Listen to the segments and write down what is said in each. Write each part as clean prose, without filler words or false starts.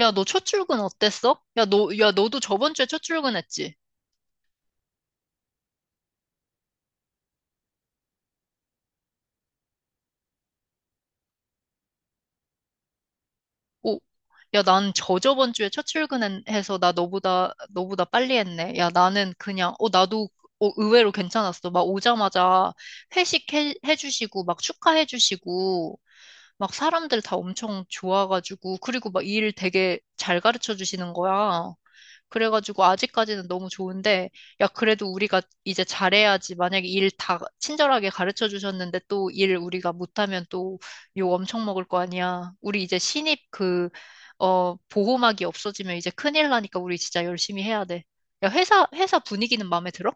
야, 너 첫 출근 어땠어? 야, 너도 저번 주에 첫 출근했지? 오, 야, 난 저저번 주에 첫 출근해서 나 너보다 빨리 했네. 야, 나는 그냥, 나도 의외로 괜찮았어. 막 오자마자 회식 해주시고, 막 축하해주시고, 막 사람들 다 엄청 좋아가지고, 그리고 막 일 되게 잘 가르쳐 주시는 거야. 그래가지고 아직까지는 너무 좋은데, 야, 그래도 우리가 이제 잘해야지. 만약에 일 다 친절하게 가르쳐 주셨는데 또 일 우리가 못하면 또 욕 엄청 먹을 거 아니야. 우리 이제 신입 보호막이 없어지면 이제 큰일 나니까 우리 진짜 열심히 해야 돼. 야, 회사, 회사 분위기는 마음에 들어?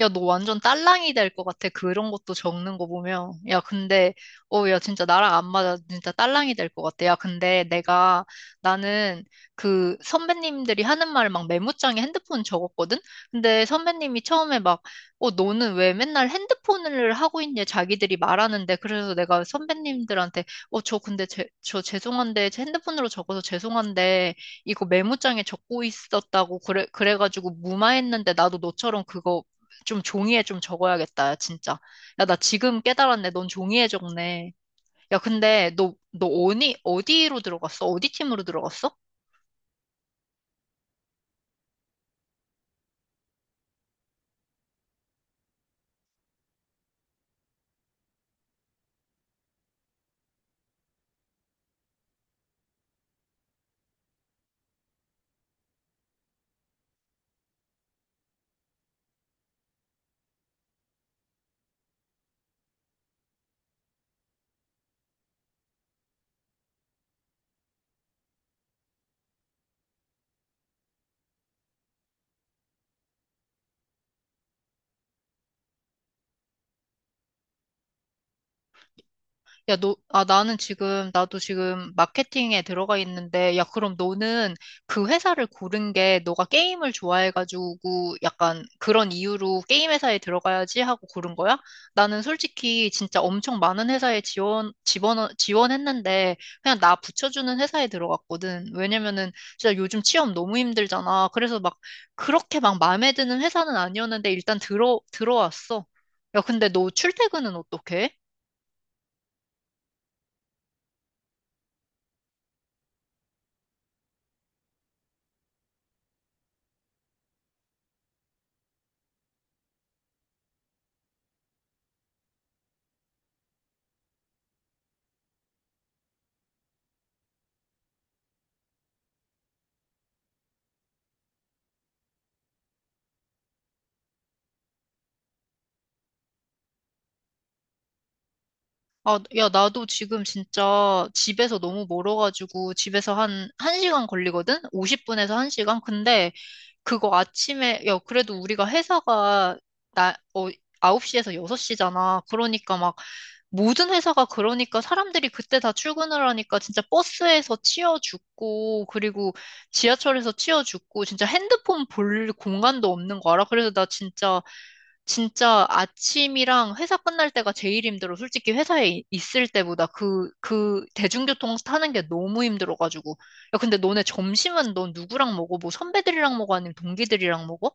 야, 너 완전 딸랑이 될 것 같아. 그런 것도 적는 거 보면. 야, 근데, 야, 진짜 나랑 안 맞아. 진짜 딸랑이 될 것 같아. 야, 근데 나는 그 선배님들이 하는 말 막 메모장에 핸드폰 적었거든? 근데 선배님이 처음에 막, 어, 너는 왜 맨날 핸드폰을 하고 있냐? 자기들이 말하는데. 그래서 내가 선배님들한테, 어, 저 근데 저 죄송한데, 제 핸드폰으로 적어서 죄송한데, 이거 메모장에 적고 있었다고 그래가지고 무마했는데 나도 너처럼 그거 좀 종이에 좀 적어야겠다, 야, 진짜. 야, 나 지금 깨달았네. 넌 종이에 적네. 야, 근데 너 어디로 들어갔어? 어디 팀으로 들어갔어? 야, 나도 지금 마케팅에 들어가 있는데, 야, 그럼 너는 그 회사를 고른 게 너가 게임을 좋아해가지고 약간 그런 이유로 게임 회사에 들어가야지 하고 고른 거야? 나는 솔직히 진짜 엄청 많은 회사에 지원했는데, 그냥 나 붙여주는 회사에 들어갔거든. 왜냐면은 진짜 요즘 취업 너무 힘들잖아. 그래서 막 그렇게 막 마음에 드는 회사는 아니었는데, 일단 들어왔어. 야, 근데 너 출퇴근은 어떻게 해? 아, 야, 나도 지금 진짜 집에서 너무 멀어가지고 집에서 한시간 걸리거든? 50분에서 한 시간 근데 그거 아침에, 야, 그래도 우리가 회사가 나, 어, 9시에서 6시잖아. 그러니까 막 모든 회사가 그러니까 사람들이 그때 다 출근을 하니까 진짜 버스에서 치여 죽고 그리고 지하철에서 치여 죽고 진짜 핸드폰 볼 공간도 없는 거 알아? 그래서 나 진짜 진짜 아침이랑 회사 끝날 때가 제일 힘들어. 솔직히 회사에 있을 때보다 그 대중교통 타는 게 너무 힘들어가지고. 야, 근데 너네 점심은 넌 누구랑 먹어? 뭐 선배들이랑 먹어? 아니면 동기들이랑 먹어?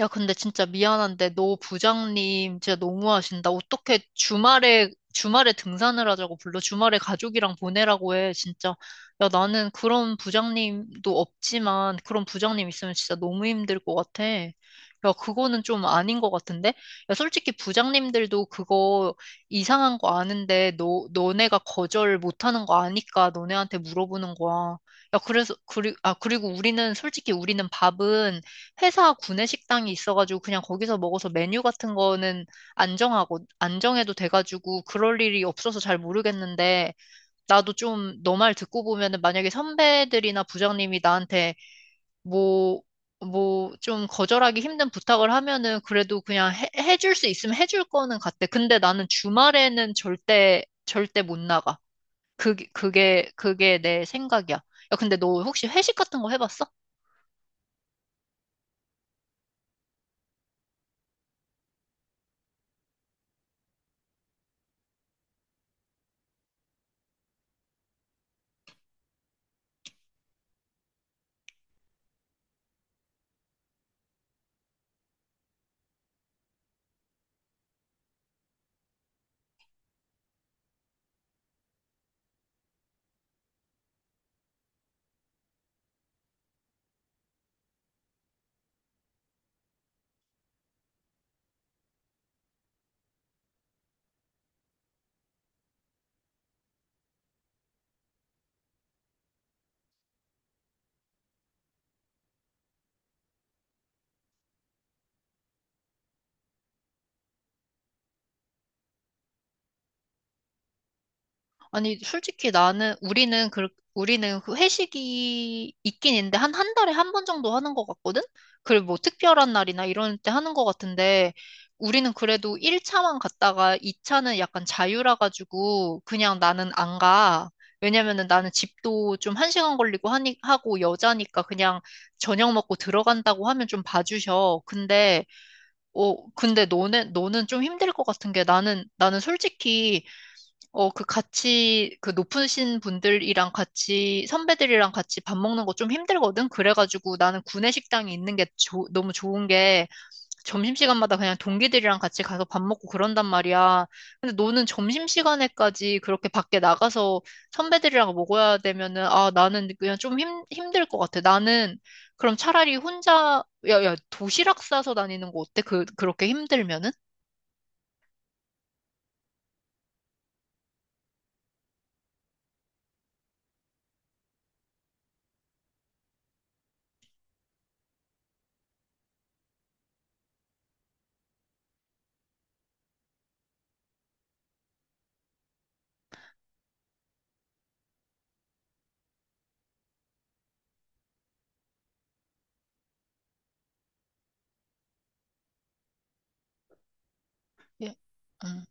야, 근데 진짜 미안한데, 너 부장님 진짜 너무하신다. 어떻게 주말에, 주말에 등산을 하자고 불러? 주말에 가족이랑 보내라고 해, 진짜. 야, 나는 그런 부장님도 없지만, 그런 부장님 있으면 진짜 너무 힘들 것 같아. 야, 그거는 좀 아닌 것 같은데? 야, 솔직히 부장님들도 그거 이상한 거 아는데, 너네가 거절 못하는 거 아니까 너네한테 물어보는 거야. 야, 그리고 솔직히 우리는 밥은 회사 구내 식당이 있어가지고 그냥 거기서 먹어서 메뉴 같은 거는 안정하고 안정해도 돼가지고 그럴 일이 없어서 잘 모르겠는데 나도 좀 너 말 듣고 보면은 만약에 선배들이나 부장님이 나한테 뭐 뭐 좀 거절하기 힘든 부탁을 하면은 그래도 그냥 해줄 수 있으면 해줄 거는 같아. 근데 나는 주말에는 절대 절대 못 나가. 그게 내 생각이야. 야, 근데 너 혹시 회식 같은 거 해봤어? 아니, 솔직히 우리는 그 회식이 있긴 있는데, 한, 한 달에 한 번 정도 하는 것 같거든? 그리고 뭐 특별한 날이나 이런 때 하는 것 같은데, 우리는 그래도 1차만 갔다가 2차는 약간 자유라가지고, 그냥 나는 안 가. 왜냐면은 나는 집도 좀 한 시간 걸리고 하고 여자니까 그냥 저녁 먹고 들어간다고 하면 좀 봐주셔. 근데, 근데 너는 좀 힘들 것 같은 게 나는 솔직히 그 높으신 분들이랑 같이, 선배들이랑 같이 밥 먹는 거 좀 힘들거든? 그래가지고 나는 구내식당이 있는 게 너무 좋은 게 점심시간마다 그냥 동기들이랑 같이 가서 밥 먹고 그런단 말이야. 근데 너는 점심시간에까지 그렇게 밖에 나가서 선배들이랑 먹어야 되면은, 아, 나는 그냥 좀 힘들 것 같아. 나는 그럼 차라리 혼자, 야, 도시락 싸서 다니는 거 어때? 그렇게 힘들면은? 예. 음.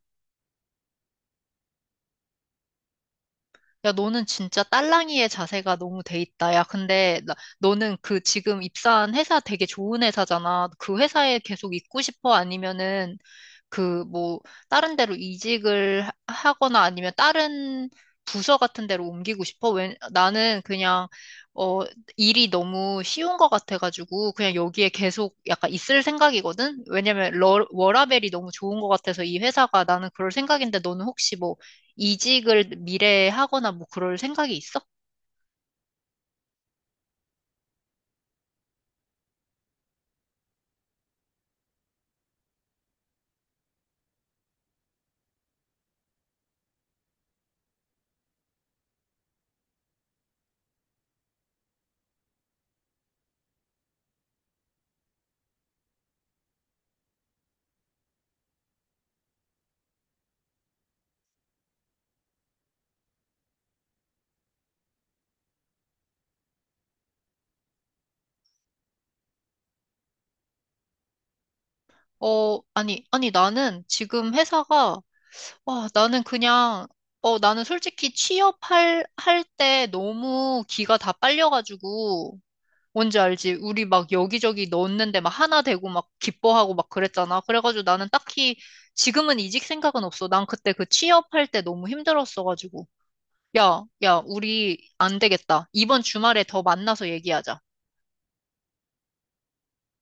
야, 너는 진짜 딸랑이의 자세가 너무 돼 있다. 야, 근데 너는 그 지금 입사한 회사 되게 좋은 회사잖아. 그 회사에 계속 있고 싶어? 아니면은 그 뭐 다른 데로 이직을 하거나 아니면 다른 부서 같은 데로 옮기고 싶어? 왜, 나는 그냥 어 일이 너무 쉬운 것 같아가지고 그냥 여기에 계속 약간 있을 생각이거든? 왜냐면 워라밸이 너무 좋은 것 같아서 이 회사가 나는 그럴 생각인데 너는 혹시 뭐 이직을 미래에 하거나 뭐 그럴 생각이 있어? 아니, 아니, 나는 지금 회사가, 와, 나는 그냥, 나는 솔직히 할 때 너무 기가 다 빨려가지고, 뭔지 알지? 우리 막 여기저기 넣었는데 막 하나 되고 막 기뻐하고 막 그랬잖아. 그래가지고 나는 딱히 지금은 이직 생각은 없어. 난 그때 그 취업할 때 너무 힘들었어가지고. 야, 야, 우리 안 되겠다. 이번 주말에 더 만나서 얘기하자.